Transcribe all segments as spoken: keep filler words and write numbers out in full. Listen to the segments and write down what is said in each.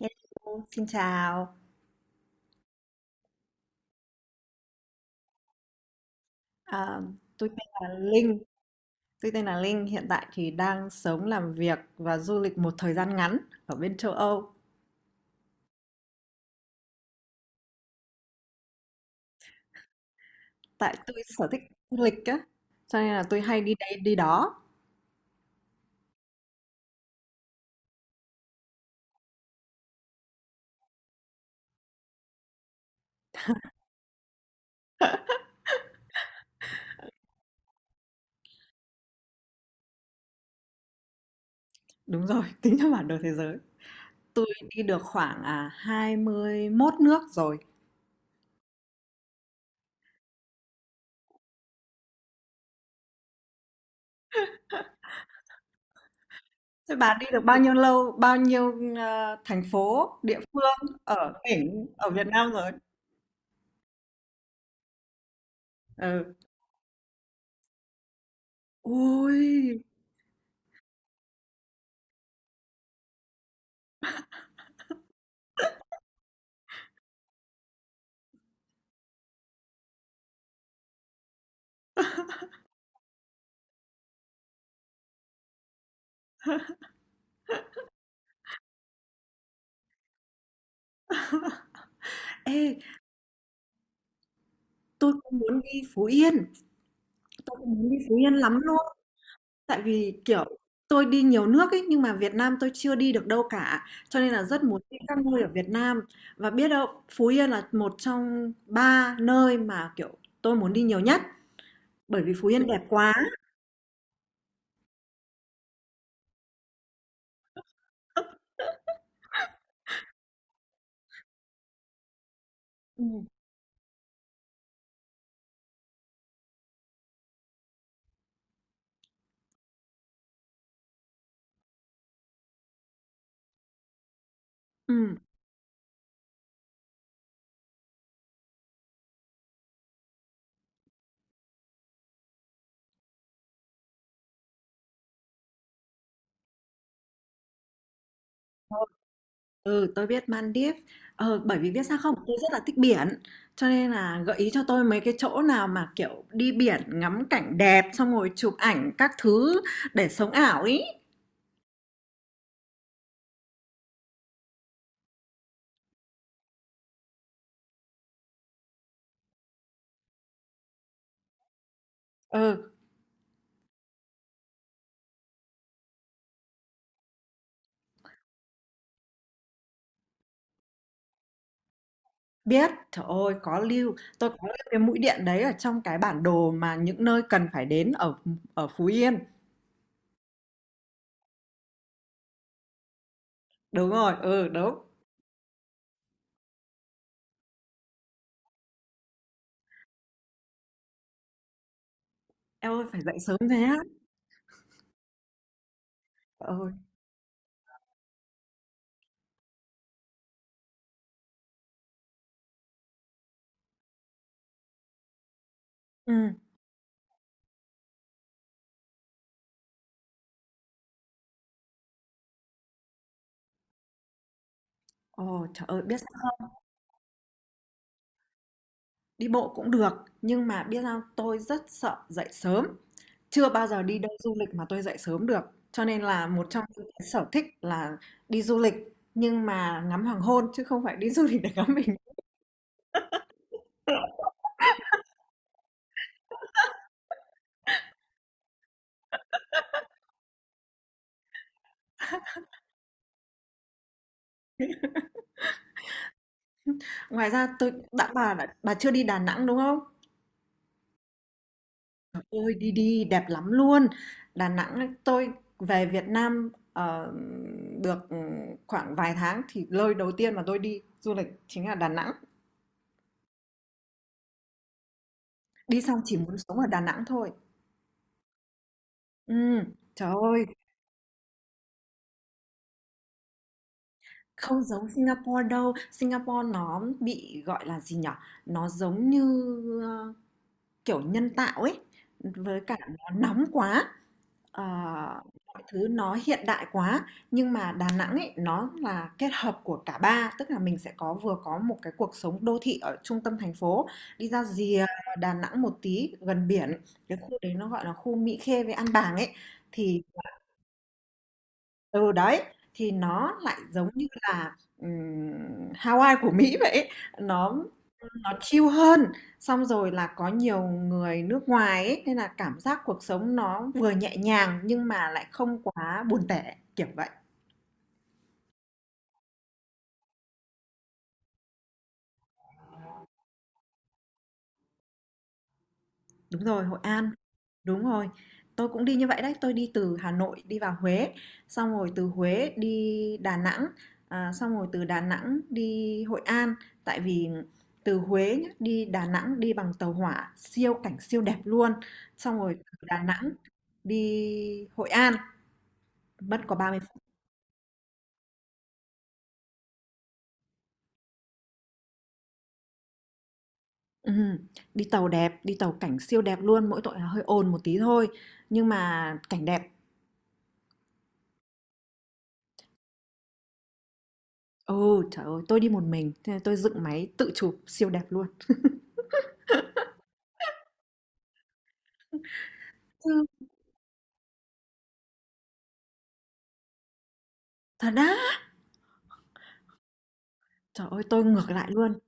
Hello, xin chào. À, tôi tên là Linh. Tôi tên là Linh. Hiện tại thì đang sống, làm việc và du lịch một thời gian ngắn ở bên châu Âu. Tại tôi sở thích du lịch á, cho nên là tôi hay đi đây đi đó. Đúng rồi, tính theo bản đồ thế giới. Tôi đi được khoảng à, hai mươi mốt nước rồi. Thế bà đi được bao nhiêu lâu, bao nhiêu à, thành phố, địa phương ở tỉnh ở Việt Nam rồi? Ừ. Ôi, ê, tôi cũng muốn đi Phú Yên. Tôi cũng muốn đi Phú Yên lắm luôn, tại vì, kiểu, tôi đi nhiều nước ấy, nhưng mà Việt Nam tôi chưa đi được đâu cả, cho nên là rất muốn đi các nơi ở Việt Nam. Và biết đâu Phú Yên là một trong ba nơi mà, kiểu, tôi muốn đi nhiều nhất, bởi vì Phú Yên đẹp quá. Ừm, ừm, rồi, ừ, tôi biết Maldives. Ờ, bởi vì biết sao không? Tôi rất là thích biển, cho nên là gợi ý cho tôi mấy cái chỗ nào mà, kiểu, đi biển ngắm cảnh đẹp, xong rồi chụp ảnh các thứ để sống ảo ý. Ừ. Biết, trời ơi, có lưu, tôi có lưu cái mũi điện đấy ở trong cái bản đồ mà những nơi cần phải đến ở ở Phú Yên. Đúng rồi, ừ, đúng. Em ơi, phải dậy sớm thế á. Trời ơi. Ừ. Ồ, trời ơi, biết sao không? Đi bộ cũng được, nhưng mà biết sao tôi rất sợ dậy sớm. Chưa bao giờ đi đâu du lịch mà tôi dậy sớm được. Cho nên là một trong những cái sở thích là đi du lịch nhưng mà ngắm hoàng hôn chứ không phải đi du lịch để ngắm bình. Ngoài ra tôi đã bà đã, bà chưa đi Đà Nẵng đúng không? Ôi, đi đi, đẹp lắm luôn. Đà Nẵng ấy, tôi về Việt Nam ờ, được khoảng vài tháng thì nơi đầu tiên mà tôi đi du lịch chính là Đà Nẵng. Đi xong chỉ muốn sống ở Đà Nẵng thôi. Ừ, trời ơi, không giống Singapore đâu. Singapore nó bị gọi là gì nhở? Nó giống như ờ, kiểu nhân tạo ấy. Với cả nó nóng quá. Ờ, mọi thứ nó hiện đại quá, nhưng mà Đà Nẵng ấy, nó là kết hợp của cả ba, tức là mình sẽ có vừa có một cái cuộc sống đô thị ở trung tâm thành phố, đi ra rìa Đà Nẵng một tí gần biển, cái khu đấy nó gọi là khu Mỹ Khê với An Bàng ấy, thì từ đấy thì nó lại giống như là ừm, Hawaii của Mỹ vậy ấy. Nó nó chill hơn, xong rồi là có nhiều người nước ngoài ấy, nên là cảm giác cuộc sống nó vừa nhẹ nhàng nhưng mà lại không quá buồn tẻ, kiểu vậy. Đúng rồi, Hội An, đúng rồi. Tôi cũng đi như vậy đấy, tôi đi từ Hà Nội đi vào Huế, xong rồi từ Huế đi Đà Nẵng, à, xong rồi từ Đà Nẵng đi Hội An, tại vì từ Huế nhá, đi Đà Nẵng đi bằng tàu hỏa, siêu cảnh siêu đẹp luôn. Xong rồi từ Đà Nẵng đi Hội An mất có ba mươi. Ừm, đi tàu đẹp, đi tàu cảnh siêu đẹp luôn, mỗi tội là hơi ồn một tí thôi, nhưng mà cảnh đẹp. Ừ, trời ơi, tôi đi một mình, thế là tôi dựng máy tự chụp siêu đẹp luôn. Ừ. Thật á, trời ơi, tôi ngược lại luôn,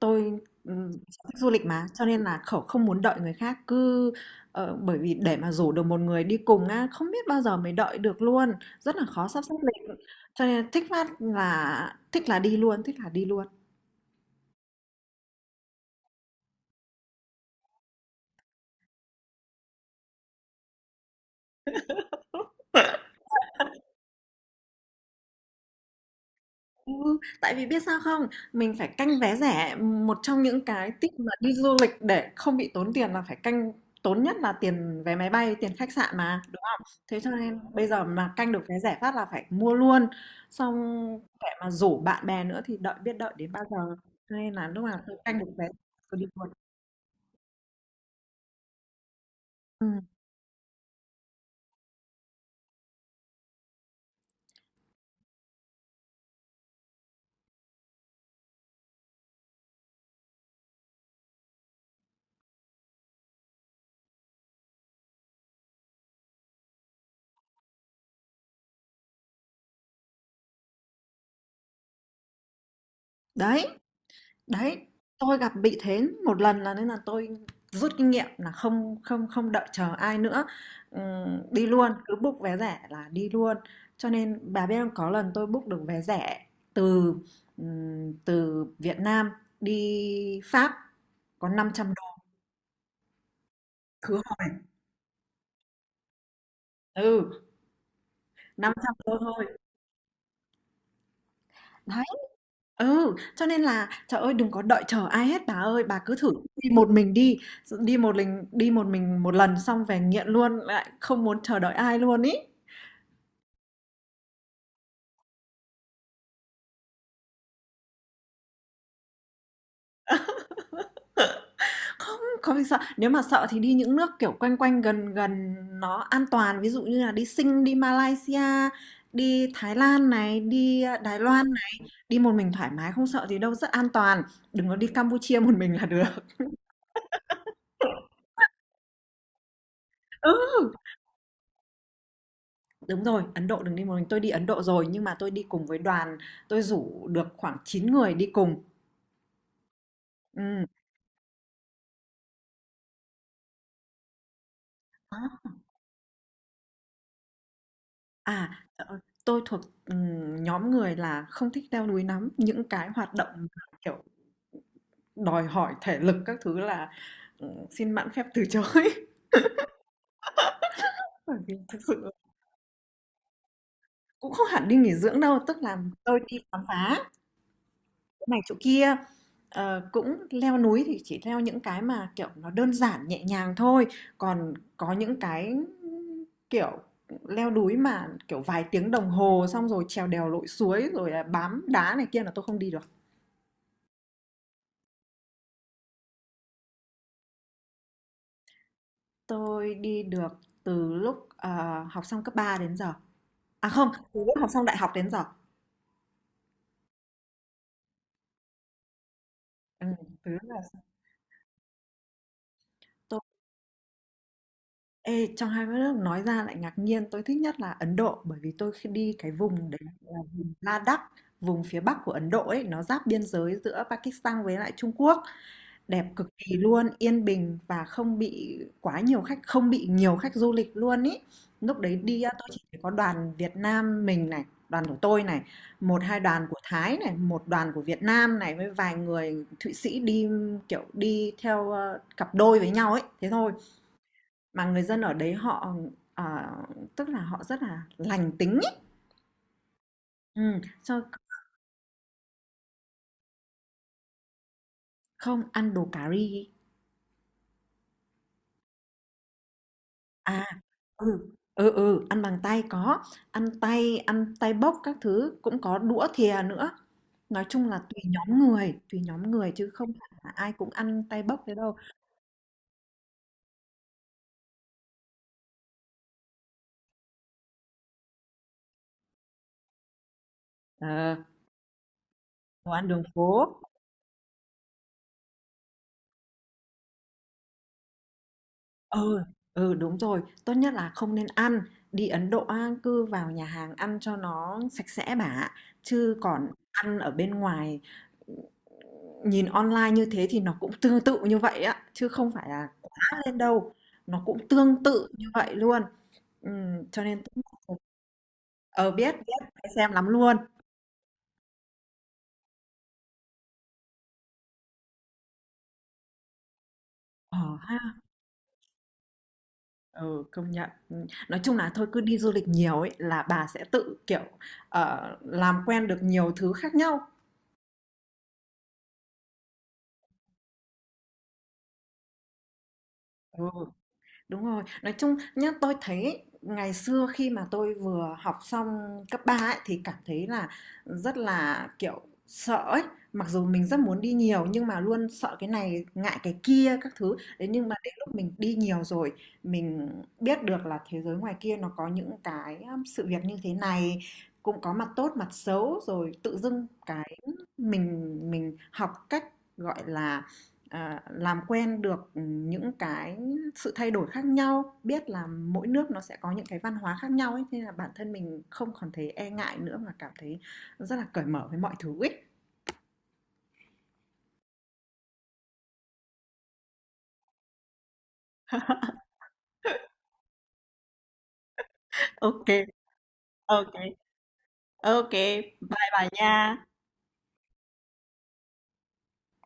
tôi ừm, sở thích du lịch mà, cho nên là khẩu không muốn đợi người khác, cứ ờ, bởi vì để mà rủ được một người đi cùng á, không biết bao giờ mới đợi được luôn, rất là khó sắp xếp lịch, cho nên thích phát là thích là đi luôn, thích là đi luôn. Ừ, tại vì biết sao không? Mình phải canh vé rẻ, một trong những cái tip mà đi du lịch để không bị tốn tiền là phải canh tốn nhất là tiền vé máy bay, tiền khách sạn mà. Thế cho nên bây giờ mà canh được vé rẻ phát là phải mua luôn. Xong kẻ mà rủ bạn bè nữa thì đợi biết đợi đến bao giờ. Cho nên là lúc nào tôi canh được vé tôi đi luôn. Ừ. Đấy. Đấy, tôi gặp bị thế một lần là nên là tôi rút kinh nghiệm là không không không đợi chờ ai nữa, ừm, đi luôn, cứ book vé rẻ là đi luôn. Cho nên bà biết không, có lần tôi book được vé rẻ từ ừm, từ Việt Nam đi Pháp có năm trăm đô khứ hồi. Ừ, năm trăm đô thôi. Ừ, cho nên là, trời ơi, đừng có đợi chờ ai hết bà ơi, bà cứ thử đi một mình đi, đi một mình đi một mình một lần xong về nghiện luôn, lại không muốn chờ đợi ai luôn ý. Không, có gì sợ, nếu mà sợ thì đi những nước kiểu quanh quanh gần gần nó an toàn, ví dụ như là đi Sing, đi Malaysia, đi Thái Lan này, đi ờ, Đài Loan này, đi một mình thoải mái không sợ gì đâu, rất an toàn. Đừng có đi Campuchia một mình là được. Ừ. Đúng rồi, Ấn Độ đừng đi một mình. Tôi đi Ấn Độ rồi nhưng mà tôi đi cùng với đoàn, tôi rủ được khoảng chín người đi cùng. Ừm. Đó. À, ờ, tôi thuộc ừm, nhóm người là không thích leo núi lắm, những cái hoạt động kiểu đòi hỏi thể lực các thứ là ừ, xin mạn phép từ chối. Bởi vì thực sự cũng không hẳn đi nghỉ dưỡng đâu, tức là tôi đi khám phá chỗ này chỗ kia. Ờ, cũng leo núi thì chỉ leo những cái mà, kiểu, nó đơn giản nhẹ nhàng thôi, còn có những cái, kiểu, leo núi mà, kiểu, vài tiếng đồng hồ xong rồi trèo đèo lội suối rồi là bám đá này kia là tôi không đi được. Tôi đi được từ lúc, ờ, học xong cấp ba đến giờ. À, không, từ lúc học xong đại học đến giờ. Ừm, từ lúc là Ê, trong hai đất nước nói ra lại ngạc nhiên, tôi thích nhất là Ấn Độ bởi vì tôi khi đi cái vùng đấy là vùng Ladakh, vùng phía bắc của Ấn Độ ấy, nó giáp biên giới giữa Pakistan với lại Trung Quốc, đẹp cực kỳ luôn, yên bình và không bị quá nhiều khách, không bị nhiều khách du lịch luôn ý. Lúc đấy đi á, tôi chỉ thấy có đoàn Việt Nam mình này, đoàn của tôi này, một hai đoàn của Thái này, một đoàn của Việt Nam này với vài người Thụy Sĩ đi kiểu đi theo ờ, cặp đôi với nhau ấy, thế thôi mà người dân ở đấy họ, ờ, tức là họ rất là lành tính ấy. Ừm, cho không, ăn đồ cà ri à, ừ, ừ, ừ, ăn bằng tay có, ăn tay, ăn tay bốc các thứ, cũng có đũa thìa nữa. Nói chung là tùy nhóm người, tùy nhóm người chứ không phải là ai cũng ăn tay bốc thế đâu. Ờ, đồ ăn đường phố. Ừ, ừ, đúng rồi, tốt nhất là không nên ăn. Đi Ấn Độ á, cứ vào nhà hàng ăn cho nó sạch sẽ bà ạ. Chứ còn ăn ở bên ngoài nhìn online như thế thì nó cũng tương tự như vậy á, chứ không phải là quá lên đâu. Nó cũng tương tự như vậy luôn. Ừm, cho nên tốt nhất ờ biết biết phải xem lắm luôn. Ờ ha, ừ công nhận. Ừ, nói chung là thôi cứ đi du lịch nhiều ấy là bà sẽ tự kiểu ờ, làm quen được nhiều thứ khác nhau. Ừ. Đúng rồi, nói chung nhá, tôi thấy ngày xưa khi mà tôi vừa học xong cấp ba ấy, thì cảm thấy là rất là kiểu sợ ấy, mặc dù mình rất muốn đi nhiều nhưng mà luôn sợ cái này, ngại cái kia các thứ. Thế nhưng mà đến lúc mình đi nhiều rồi, mình biết được là thế giới ngoài kia nó có những cái um, sự việc như thế này, cũng có mặt tốt, mặt xấu rồi tự dưng cái mình mình học cách gọi là à, làm quen được những cái sự thay đổi khác nhau biết là mỗi nước nó sẽ có những cái văn hóa khác nhau ấy nên là bản thân mình không còn thấy e ngại nữa mà cảm thấy rất là cởi mở với mọi thứ ấy